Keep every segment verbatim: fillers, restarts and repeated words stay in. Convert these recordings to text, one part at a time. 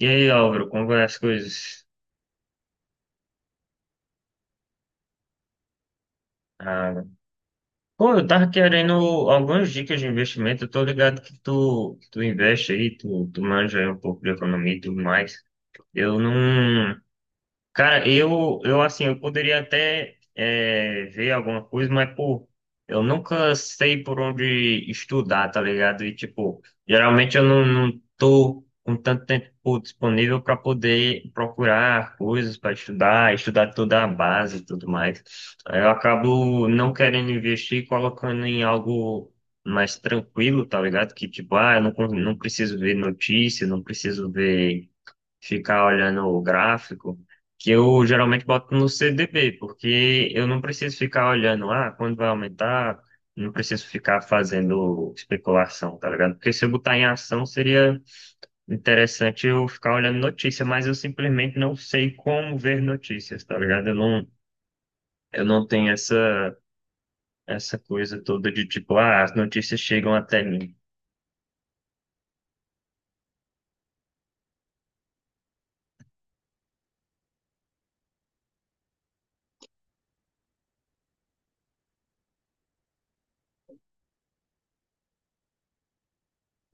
E aí, Álvaro, como vai as coisas? Ah, pô, eu tava querendo algumas dicas de investimento. Eu tô ligado que tu, que tu investe aí, tu, tu manja aí um pouco de economia e tudo mais. Eu não. Cara, eu, eu assim, eu poderia até é, ver alguma coisa, mas, pô, eu nunca sei por onde estudar, tá ligado? E, tipo, geralmente eu não, não tô com tanto tempo disponível para poder procurar coisas para estudar, estudar toda a base e tudo mais. Aí eu acabo não querendo investir, e colocando em algo mais tranquilo, tá ligado? Que, tipo, ah, eu não, con- não preciso ver notícia, não preciso ver ficar olhando o gráfico, que eu geralmente boto no C D B, porque eu não preciso ficar olhando, ah, quando vai aumentar, não preciso ficar fazendo especulação, tá ligado? Porque se eu botar em ação, seria interessante eu ficar olhando notícia, mas eu simplesmente não sei como ver notícias, tá ligado? Eu não, eu não tenho essa, essa coisa toda de tipo, ah, as notícias chegam até mim.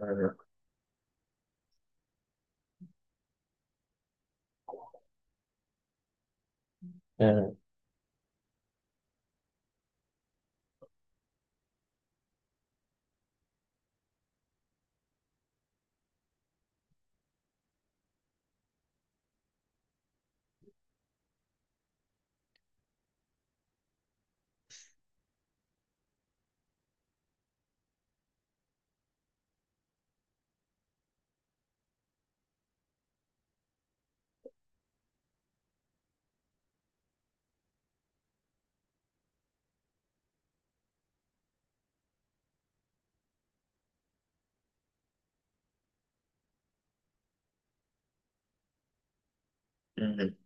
Ah, ah,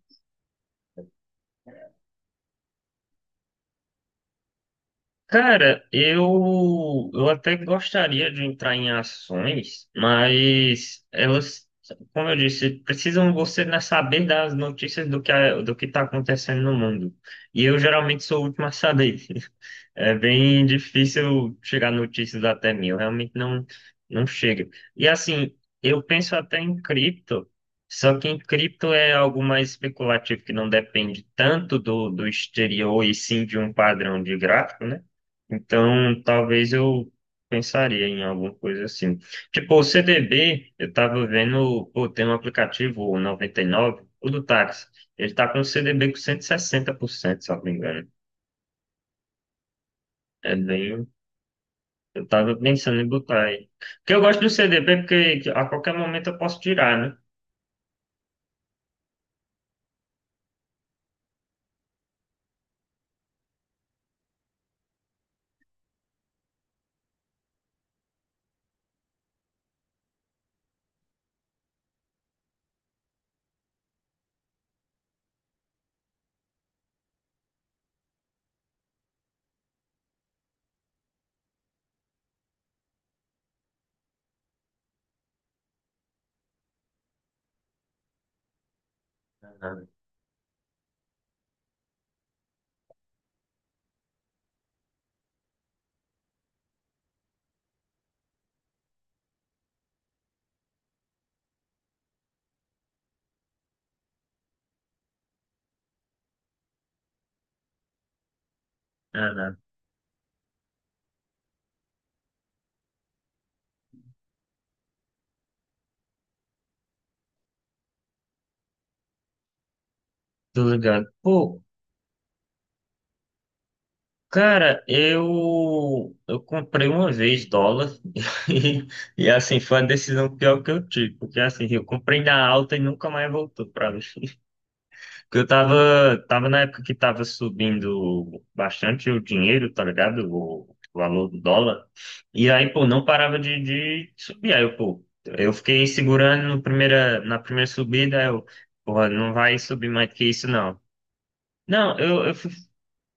Cara, eu, eu até gostaria de entrar em ações, mas elas, como eu disse, precisam você, né, saber das notícias do que, a- do que está acontecendo no mundo. E eu geralmente sou o último a saber. É bem difícil chegar notícias até mil, realmente não, não chega. E assim, eu penso até em cripto, só que em cripto é algo mais especulativo, que não depende tanto do, do exterior e sim de um padrão de gráfico, né? Então, talvez eu pensaria em alguma coisa assim. Tipo, o C D B, eu tava vendo, pô, tem um aplicativo, o noventa e nove, o do táxi, ele tá com o C D B com cento e sessenta por cento, se eu não me engano. É bem Eu tava pensando em botar aí. Porque eu gosto do C D B, porque a qualquer momento eu posso tirar, né? Aham. Ah, não. Tô ligado. Pô, cara, eu eu comprei uma vez dólar e, e assim foi a decisão pior que eu tive, porque assim, eu comprei na alta e nunca mais voltou pra mim. Porque eu tava, tava na época que tava subindo bastante o dinheiro, tá ligado? O, o valor do dólar. E aí, pô, não parava de, de subir. Aí, eu, pô, eu fiquei segurando no primeira, na primeira subida, aí eu, porra, não vai subir mais que isso, não. Não, eu, eu fui,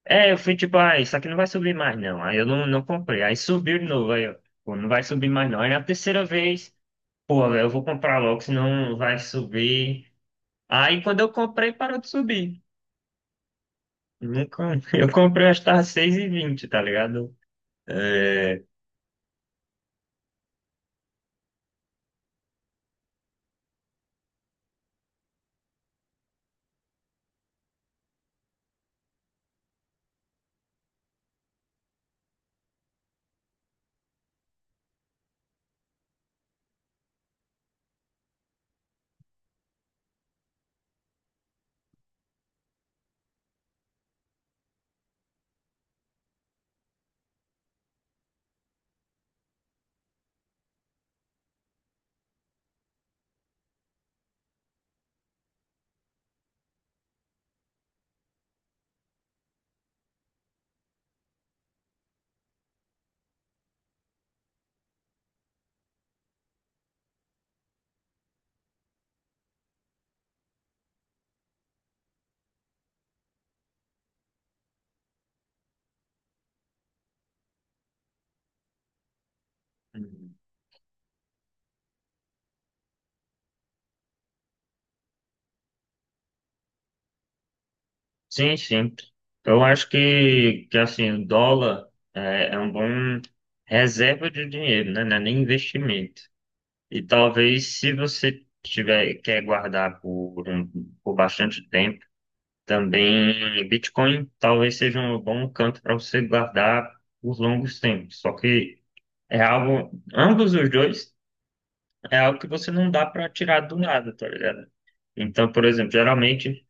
é, eu fui tipo, ah, isso aqui não vai subir mais, não. Aí eu não, não comprei. Aí subiu de novo, aí eu, pô, não vai subir mais, não. Aí na terceira vez, pô, eu vou comprar logo, senão vai subir. Aí quando eu comprei, parou de subir. Eu com- eu comprei, acho que tá seis e vinte, tá ligado? É, sim, sim. Eu acho que, que assim, o dólar é, é um bom reserva de dinheiro, né? Não é nem investimento. E talvez se você tiver, quer guardar por, um- por bastante tempo, também Bitcoin talvez seja um bom canto para você guardar por longos tempos. Só que é algo, ambos os dois, é algo que você não dá para tirar do nada, tá ligado? Então, por exemplo, geralmente,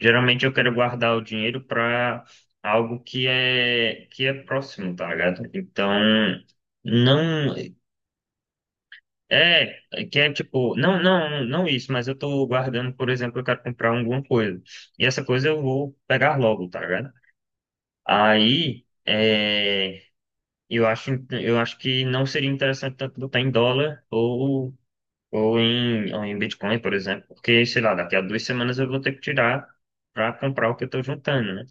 geralmente eu quero guardar o dinheiro para algo que é que é próximo, tá ligado? Então, não é é que é tipo, não, não, não isso, mas eu tô guardando, por exemplo, eu quero comprar alguma coisa. E essa coisa eu vou pegar logo, tá ligado? Aí, é, eu acho, eu acho que não seria interessante tanto botar em dólar ou ou em, ou em Bitcoin, por exemplo, porque, sei lá, daqui a duas semanas eu vou ter que tirar para comprar o que eu estou juntando, né?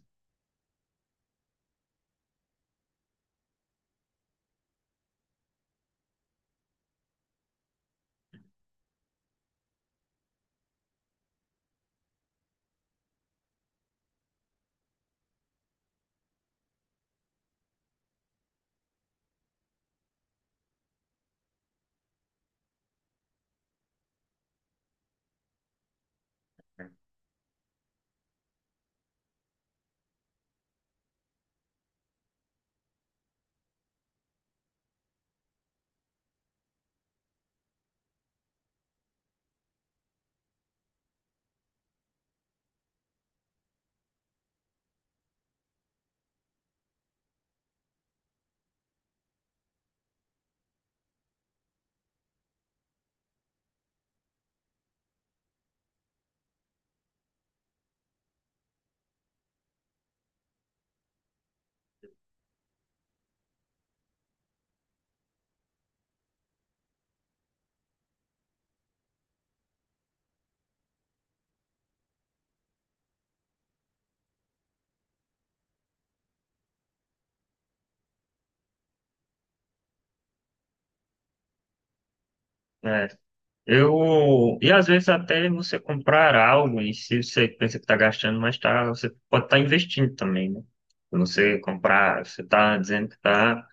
É. Eu, e às vezes até você comprar algo e se você pensa que está gastando, mas tá, você pode estar investindo também, né? Quando você comprar, você está dizendo que está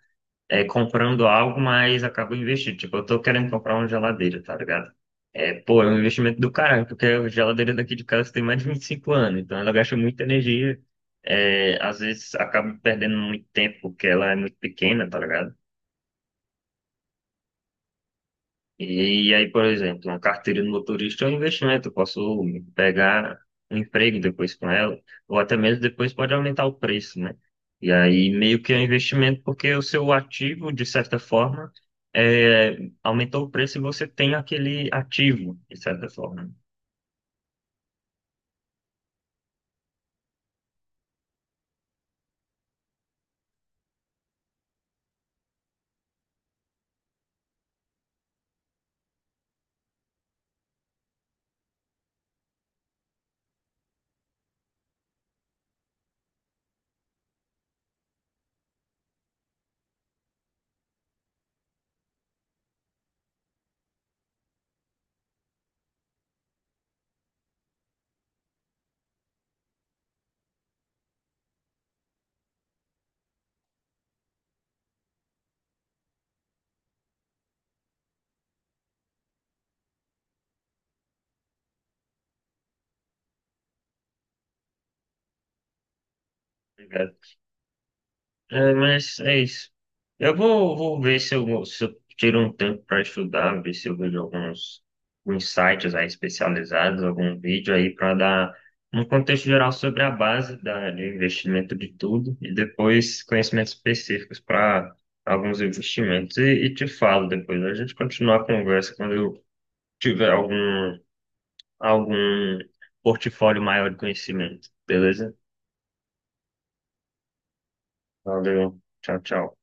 é, comprando algo, mas acabo investindo. Tipo, eu tô querendo comprar uma geladeira, tá ligado? É, pô, é um investimento do caralho, porque a geladeira daqui de casa tem mais de vinte e cinco anos, então ela gasta muita energia. É, às vezes acaba perdendo muito tempo porque ela é muito pequena, tá ligado? E, aí, por exemplo, uma carteira de motorista é um investimento. Eu posso pegar um emprego depois com ela, ou até mesmo depois pode aumentar o preço, né? E aí, meio que é um investimento, porque o seu ativo, de certa forma, é, aumentou o preço e você tem aquele ativo, de certa forma. Né? É, mas é isso. Eu vou, vou ver se eu, se eu tiro um tempo para estudar, ver se eu vejo alguns, alguns sites aí especializados, algum vídeo aí para dar um contexto geral sobre a base da, de investimento de tudo e depois conhecimentos específicos para alguns investimentos. E, e te falo depois, a gente continua a conversa quando eu tiver algum, algum portfólio maior de conhecimento, beleza? Valeu, tchau, tchau.